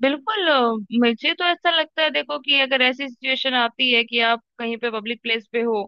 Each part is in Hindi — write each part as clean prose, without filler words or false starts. बिल्कुल मुझे तो ऐसा लगता है देखो कि अगर ऐसी सिचुएशन आती है कि आप कहीं पे पब्लिक प्लेस पे हो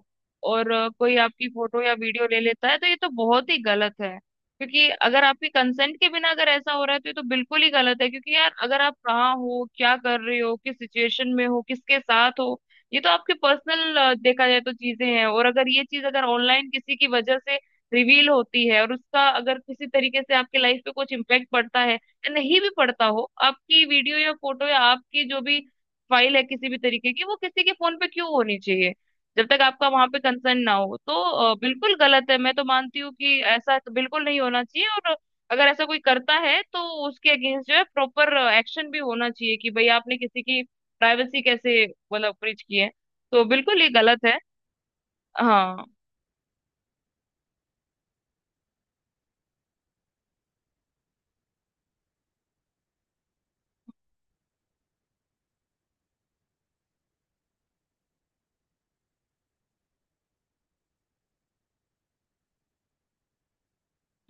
और कोई आपकी फोटो या वीडियो ले लेता है तो ये तो बहुत ही गलत है। क्योंकि अगर आपकी कंसेंट के बिना अगर ऐसा हो रहा है तो ये तो बिल्कुल ही गलत है क्योंकि यार अगर आप कहाँ हो, क्या कर रहे हो, किस सिचुएशन में हो, किसके साथ हो, ये तो आपके पर्सनल देखा जाए तो चीजें हैं। और अगर ये चीज अगर ऑनलाइन किसी की वजह से रिवील होती है और उसका अगर किसी तरीके से आपके लाइफ पे कुछ इम्पेक्ट पड़ता है, नहीं भी पड़ता हो, आपकी वीडियो या फोटो या आपकी जो भी फाइल है किसी भी तरीके की वो किसी के फोन पे क्यों होनी चाहिए जब तक आपका वहां पे कंसर्न ना हो। तो बिल्कुल गलत है। मैं तो मानती हूँ कि ऐसा तो बिल्कुल नहीं होना चाहिए। और अगर ऐसा कोई करता है तो उसके अगेंस्ट जो है प्रॉपर एक्शन भी होना चाहिए कि भाई आपने किसी की प्राइवेसी कैसे मतलब ब्रीच की है। तो बिल्कुल ये गलत है। हाँ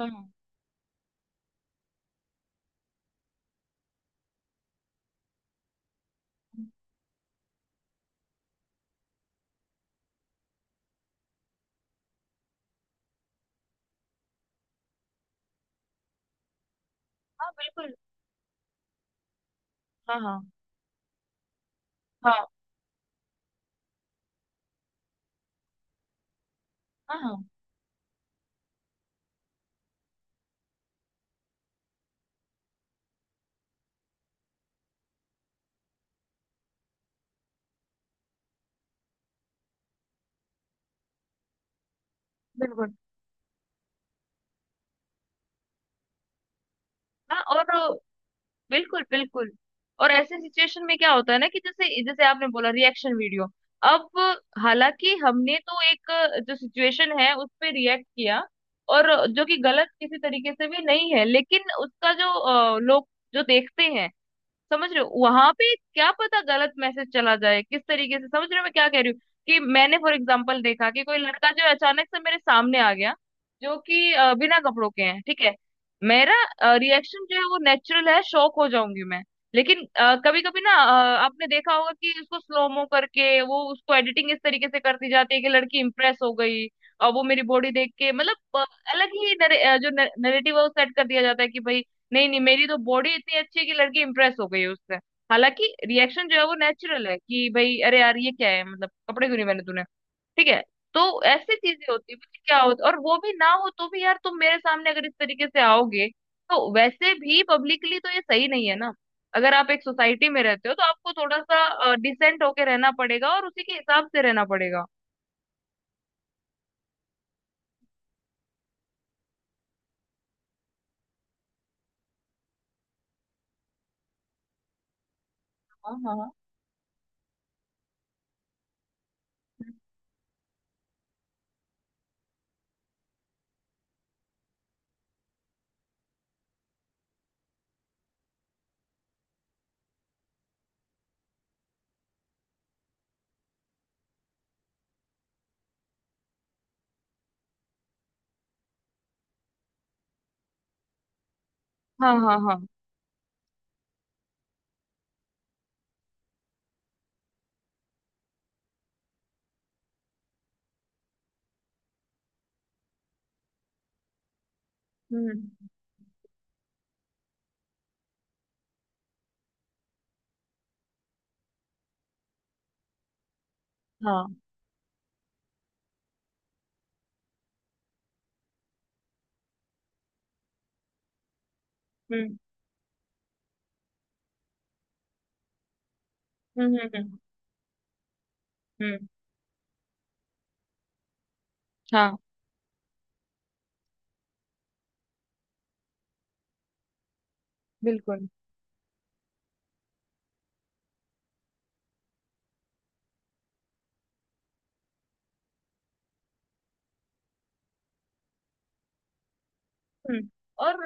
हाँ हाँ बिल्कुल। हाँ हाँ हाँ हाँ हाँ बिल्कुल। हाँ और बिल्कुल बिल्कुल। और ऐसे सिचुएशन में क्या होता है ना कि जैसे जैसे आपने बोला रिएक्शन वीडियो। अब हालांकि हमने तो एक जो सिचुएशन है उस पे रिएक्ट किया, और जो कि गलत किसी तरीके से भी नहीं है, लेकिन उसका जो लोग जो देखते हैं, समझ रहे हो वहां पे क्या पता गलत मैसेज चला जाए किस तरीके से। समझ रहे हो मैं क्या कह रही हूँ? कि मैंने फॉर एग्जाम्पल देखा कि कोई लड़का जो है, अचानक से मेरे सामने आ गया जो कि बिना कपड़ों के हैं, ठीक है। मेरा रिएक्शन जो है वो नेचुरल है, शॉक हो जाऊंगी मैं। लेकिन कभी कभी ना आपने देखा होगा कि उसको स्लोमो करके वो उसको एडिटिंग इस तरीके से करती जाती है कि लड़की इंप्रेस हो गई, और वो मेरी बॉडी देख के मतलब अलग ही जो नरेटिव है वो सेट कर दिया जाता है कि भाई नहीं नहीं मेरी तो बॉडी इतनी अच्छी है कि लड़की इंप्रेस हो गई है उससे। हालांकि रिएक्शन जो है वो नेचुरल है कि भाई अरे यार ये क्या है, मतलब कपड़े क्यों नहीं पहने तूने? ठीक है, तो ऐसी चीजें होती है। पता है क्या होता, और वो भी ना हो तो भी यार तुम मेरे सामने अगर इस तरीके से आओगे तो वैसे भी पब्लिकली तो ये सही नहीं है ना। अगर आप एक सोसाइटी में रहते हो तो आपको थोड़ा सा डिसेंट होके रहना पड़ेगा और उसी के हिसाब से रहना पड़ेगा। हाँ हाँ हाँ हाँ हाँ। हम्म। हाँ। हम्म हम्म हम्म हम्म, हम्म, हाँ बिल्कुल। हम्म। और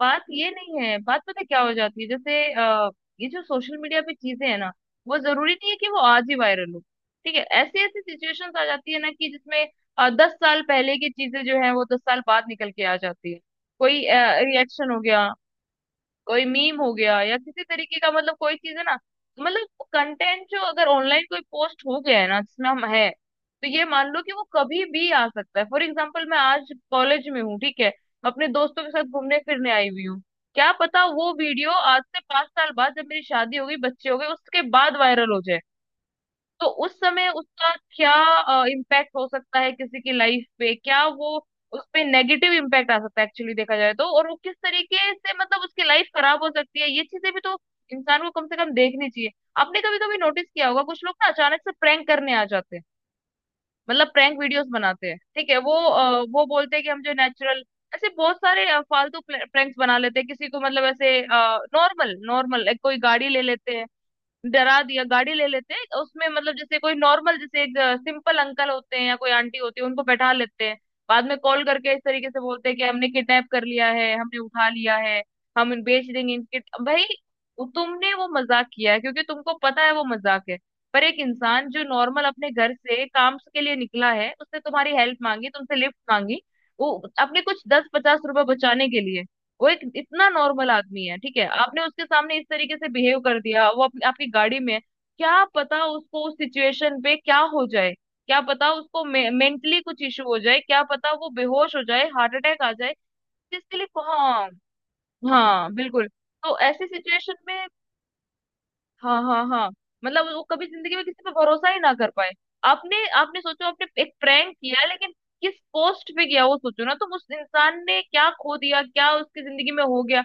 बात ये नहीं है, बात पता है क्या हो जाती है जैसे ये जो सोशल मीडिया पे चीजें है ना वो जरूरी नहीं है कि वो आज ही वायरल हो। ठीक है, ऐसी ऐसी सिचुएशंस आ जाती है ना कि जिसमें 10 साल पहले की चीजें जो है वो 10 साल बाद निकल के आ जाती है। कोई रिएक्शन हो गया, कोई मीम हो गया या किसी तरीके का मतलब कोई चीज है ना, मतलब कंटेंट जो अगर ऑनलाइन कोई पोस्ट हो गया है ना जिसमें हम है तो ये मान लो कि वो कभी भी आ सकता है। फॉर एग्जाम्पल मैं आज कॉलेज में हूँ ठीक है, अपने दोस्तों के साथ घूमने फिरने आई हुई हूँ। क्या पता वो वीडियो आज से 5 साल बाद जब मेरी शादी होगी, बच्चे हो गए उसके बाद वायरल हो जाए। तो उस समय उसका क्या इम्पैक्ट हो सकता है किसी की लाइफ पे? क्या वो उस पे नेगेटिव इम्पैक्ट आ सकता है एक्चुअली देखा जाए तो, और वो किस तरीके से मतलब उसकी लाइफ खराब हो सकती है, ये चीजें भी तो इंसान को कम से कम देखनी चाहिए। आपने कभी कभी नोटिस किया होगा कुछ लोग ना अचानक से प्रैंक करने आ जाते हैं, मतलब प्रैंक वीडियोस बनाते हैं। ठीक है, वो बोलते हैं कि हम जो नेचुरल। ऐसे बहुत सारे फालतू प्रैंक्स बना लेते हैं किसी को, मतलब ऐसे नॉर्मल नॉर्मल कोई गाड़ी ले लेते हैं। डरा दिया, गाड़ी ले लेते हैं उसमें, मतलब जैसे कोई नॉर्मल, जैसे एक सिंपल अंकल होते हैं या कोई आंटी होती है उनको बैठा लेते हैं। बाद में कॉल करके इस तरीके से बोलते हैं कि हमने किडनैप कर लिया है, हमने उठा लिया है, हम बेच देंगे इनके भाई। तुमने वो मजाक किया है क्योंकि तुमको पता है वो मजाक है। पर एक इंसान जो नॉर्मल अपने घर से काम के लिए निकला है, उसने तुम्हारी हेल्प मांगी, तुमसे लिफ्ट मांगी, वो अपने कुछ दस पचास रुपए बचाने के लिए, वो एक इतना नॉर्मल आदमी है ठीक है, आपने उसके सामने इस तरीके से बिहेव कर दिया। वो अपनी आपकी गाड़ी में है, क्या पता उसको उस सिचुएशन पे क्या हो जाए? क्या पता उसको मेंटली कुछ इशू हो जाए, क्या पता वो बेहोश हो जाए, हार्ट अटैक आ जाए जिसके लिए। हाँ, हाँ बिल्कुल। तो ऐसी सिचुएशन में हाँ हाँ हाँ मतलब वो कभी जिंदगी में किसी पे भरोसा ही ना कर पाए। आपने आपने सोचो, आपने एक प्रैंक किया लेकिन किस पोस्ट पे किया वो सोचो ना। तुम उस इंसान ने क्या खो दिया, क्या उसकी जिंदगी में हो गया,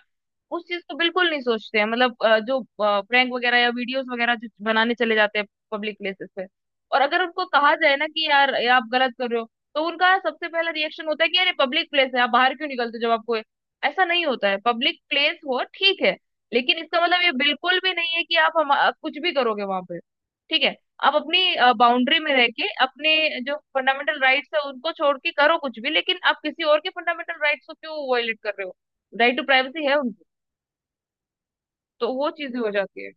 उस चीज को बिल्कुल नहीं सोचते हैं, मतलब जो प्रैंक वगैरह या वीडियोस वगैरह जो बनाने चले जाते हैं पब्लिक प्लेसेस पे। और अगर उनको कहा जाए ना कि यार ये आप गलत कर रहे हो, तो उनका सबसे पहला रिएक्शन होता है कि यार ये पब्लिक प्लेस है, आप बाहर क्यों निकलते हो जब आपको ये-" ऐसा नहीं होता है। पब्लिक प्लेस हो ठीक है, लेकिन इसका मतलब ये बिल्कुल भी नहीं है कि आप कुछ भी करोगे वहां पे। ठीक है, आप अपनी बाउंड्री में रह के अपने जो फंडामेंटल राइट्स है उनको छोड़ के करो कुछ भी, लेकिन आप किसी और के फंडामेंटल राइट्स को क्यों वायलेट कर रहे हो? राइट टू प्राइवेसी है उनको। तो वो चीजें हो जाती है।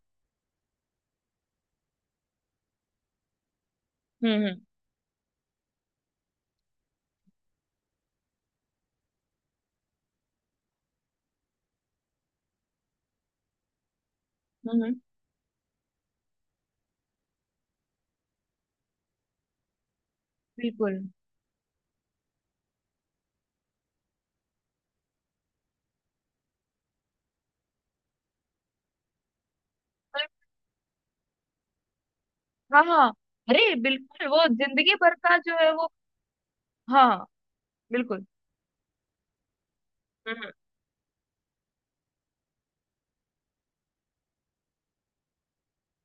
हम्म हम्म हम्म, हम्म, बिल्कुल। पर- हाँ हाँ, अरे बिल्कुल वो जिंदगी भर का जो है वो, हाँ बिल्कुल। हम्म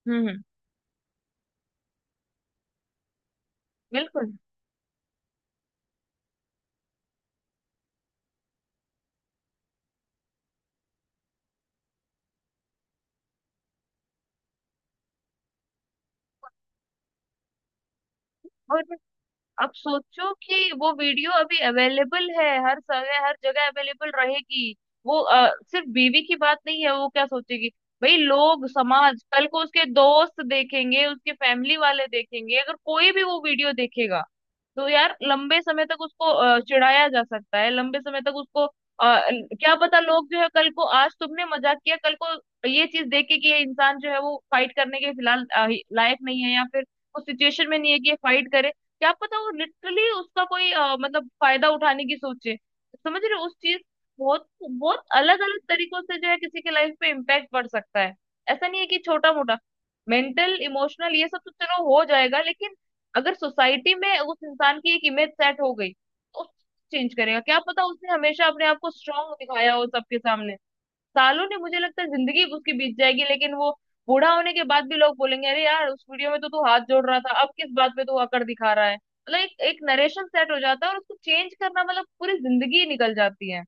हम्म हम्म, बिल्कुल। और अब सोचो कि वो वीडियो अभी अवेलेबल है, हर समय हर जगह अवेलेबल रहेगी। सिर्फ बीवी की बात नहीं है, वो क्या सोचेगी, भाई लोग समाज कल को उसके दोस्त देखेंगे, उसके फैमिली वाले देखेंगे अगर कोई भी वो वीडियो देखेगा तो यार लंबे समय तक उसको चिढ़ाया जा सकता है, लंबे समय तक उसको क्या पता लोग जो है कल को, आज तुमने मजाक किया, कल को ये चीज देख के कि ये इंसान जो है वो फाइट करने के फिलहाल लायक नहीं है या फिर उस सिचुएशन में नहीं है कि ये फाइट करे, क्या पता वो लिटरली उसका कोई मतलब फायदा उठाने की सोचे। समझ रहे हो? उस चीज, बहुत बहुत अलग अलग तरीकों से जो है किसी के लाइफ पे इम्पैक्ट पड़ सकता है। ऐसा नहीं है कि छोटा मोटा मेंटल इमोशनल ये सब तो चलो हो जाएगा, लेकिन अगर सोसाइटी में उस इंसान की एक इमेज सेट हो गई तो चेंज करेगा। क्या पता उसने हमेशा अपने आप को स्ट्रांग दिखाया हो सबके सामने, सालों ने मुझे लगता है जिंदगी उसकी बीत जाएगी लेकिन वो बूढ़ा होने के बाद भी लोग बोलेंगे अरे यार उस वीडियो में तो तू हाथ जोड़ रहा था, अब किस बात पे तू अकड़ दिखा रहा है। मतलब एक एक नरेशन सेट हो जाता है और उसको चेंज करना मतलब पूरी जिंदगी निकल जाती है।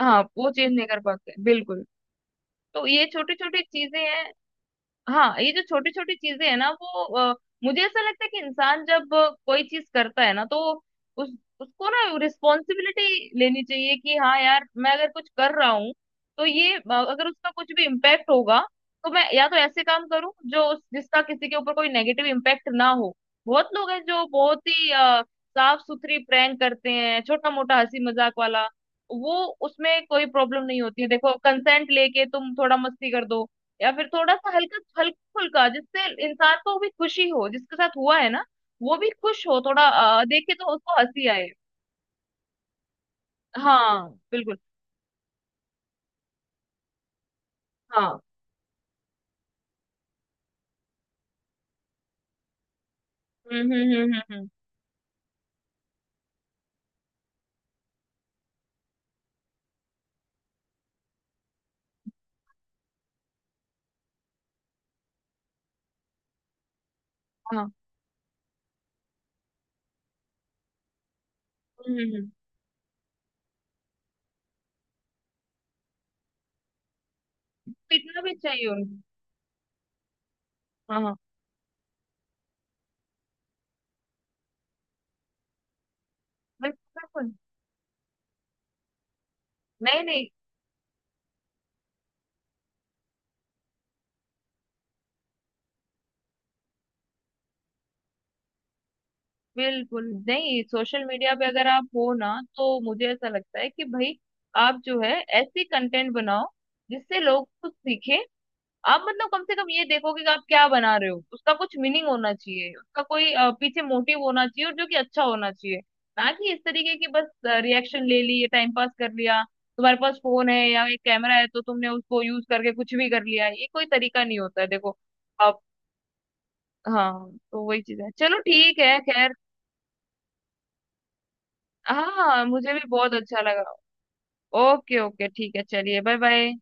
हाँ वो चेंज नहीं कर पाते बिल्कुल। तो ये छोटी छोटी चीजें हैं। हाँ ये जो छोटी छोटी चीजें है ना वो अ, मुझे ऐसा लगता है कि इंसान जब कोई चीज करता है ना तो उस उसको ना रिस्पॉन्सिबिलिटी लेनी चाहिए कि हाँ यार मैं अगर कुछ कर रहा हूँ तो ये अगर उसका कुछ भी इम्पैक्ट होगा तो मैं या तो ऐसे काम करूँ जो उस जिसका किसी के ऊपर कोई नेगेटिव इम्पैक्ट ना हो। बहुत लोग हैं जो बहुत ही साफ सुथरी प्रैंक करते हैं, छोटा मोटा हंसी मजाक वाला, वो उसमें कोई प्रॉब्लम नहीं होती है। देखो कंसेंट लेके तुम थोड़ा मस्ती कर दो, या फिर थोड़ा सा हल्का हल्का फुल्का जिससे इंसान को भी खुशी हो जिसके साथ हुआ है ना, वो भी खुश हो, थोड़ा देखे तो उसको हंसी आए। हाँ बिल्कुल। हाँ हम्म हम्म हम्म हम्म हम्म, हाँ हम्म हम्म हम्म। पीटना भी चाहिए उनको। हाँ हाँ बिल्कुल बिल्कुल। नहीं नहीं, बिल्कुल नहीं। सोशल मीडिया पे अगर आप हो ना तो मुझे ऐसा लगता है कि भाई आप जो है ऐसी कंटेंट बनाओ जिससे लोग कुछ सीखें। आप मतलब कम से कम ये देखो कि आप क्या बना रहे हो, उसका कुछ मीनिंग होना चाहिए, उसका कोई पीछे मोटिव होना चाहिए और जो कि अच्छा होना चाहिए। ना कि इस तरीके की बस रिएक्शन ले ली, टाइम पास कर लिया, तुम्हारे पास फोन है या एक कैमरा है तो तुमने उसको यूज करके कुछ भी कर लिया, ये कोई तरीका नहीं होता है। देखो आप, हाँ तो वही चीज है, चलो ठीक है खैर। हाँ हाँ मुझे भी बहुत अच्छा लगा। ओके ओके ठीक है, चलिए बाय बाय।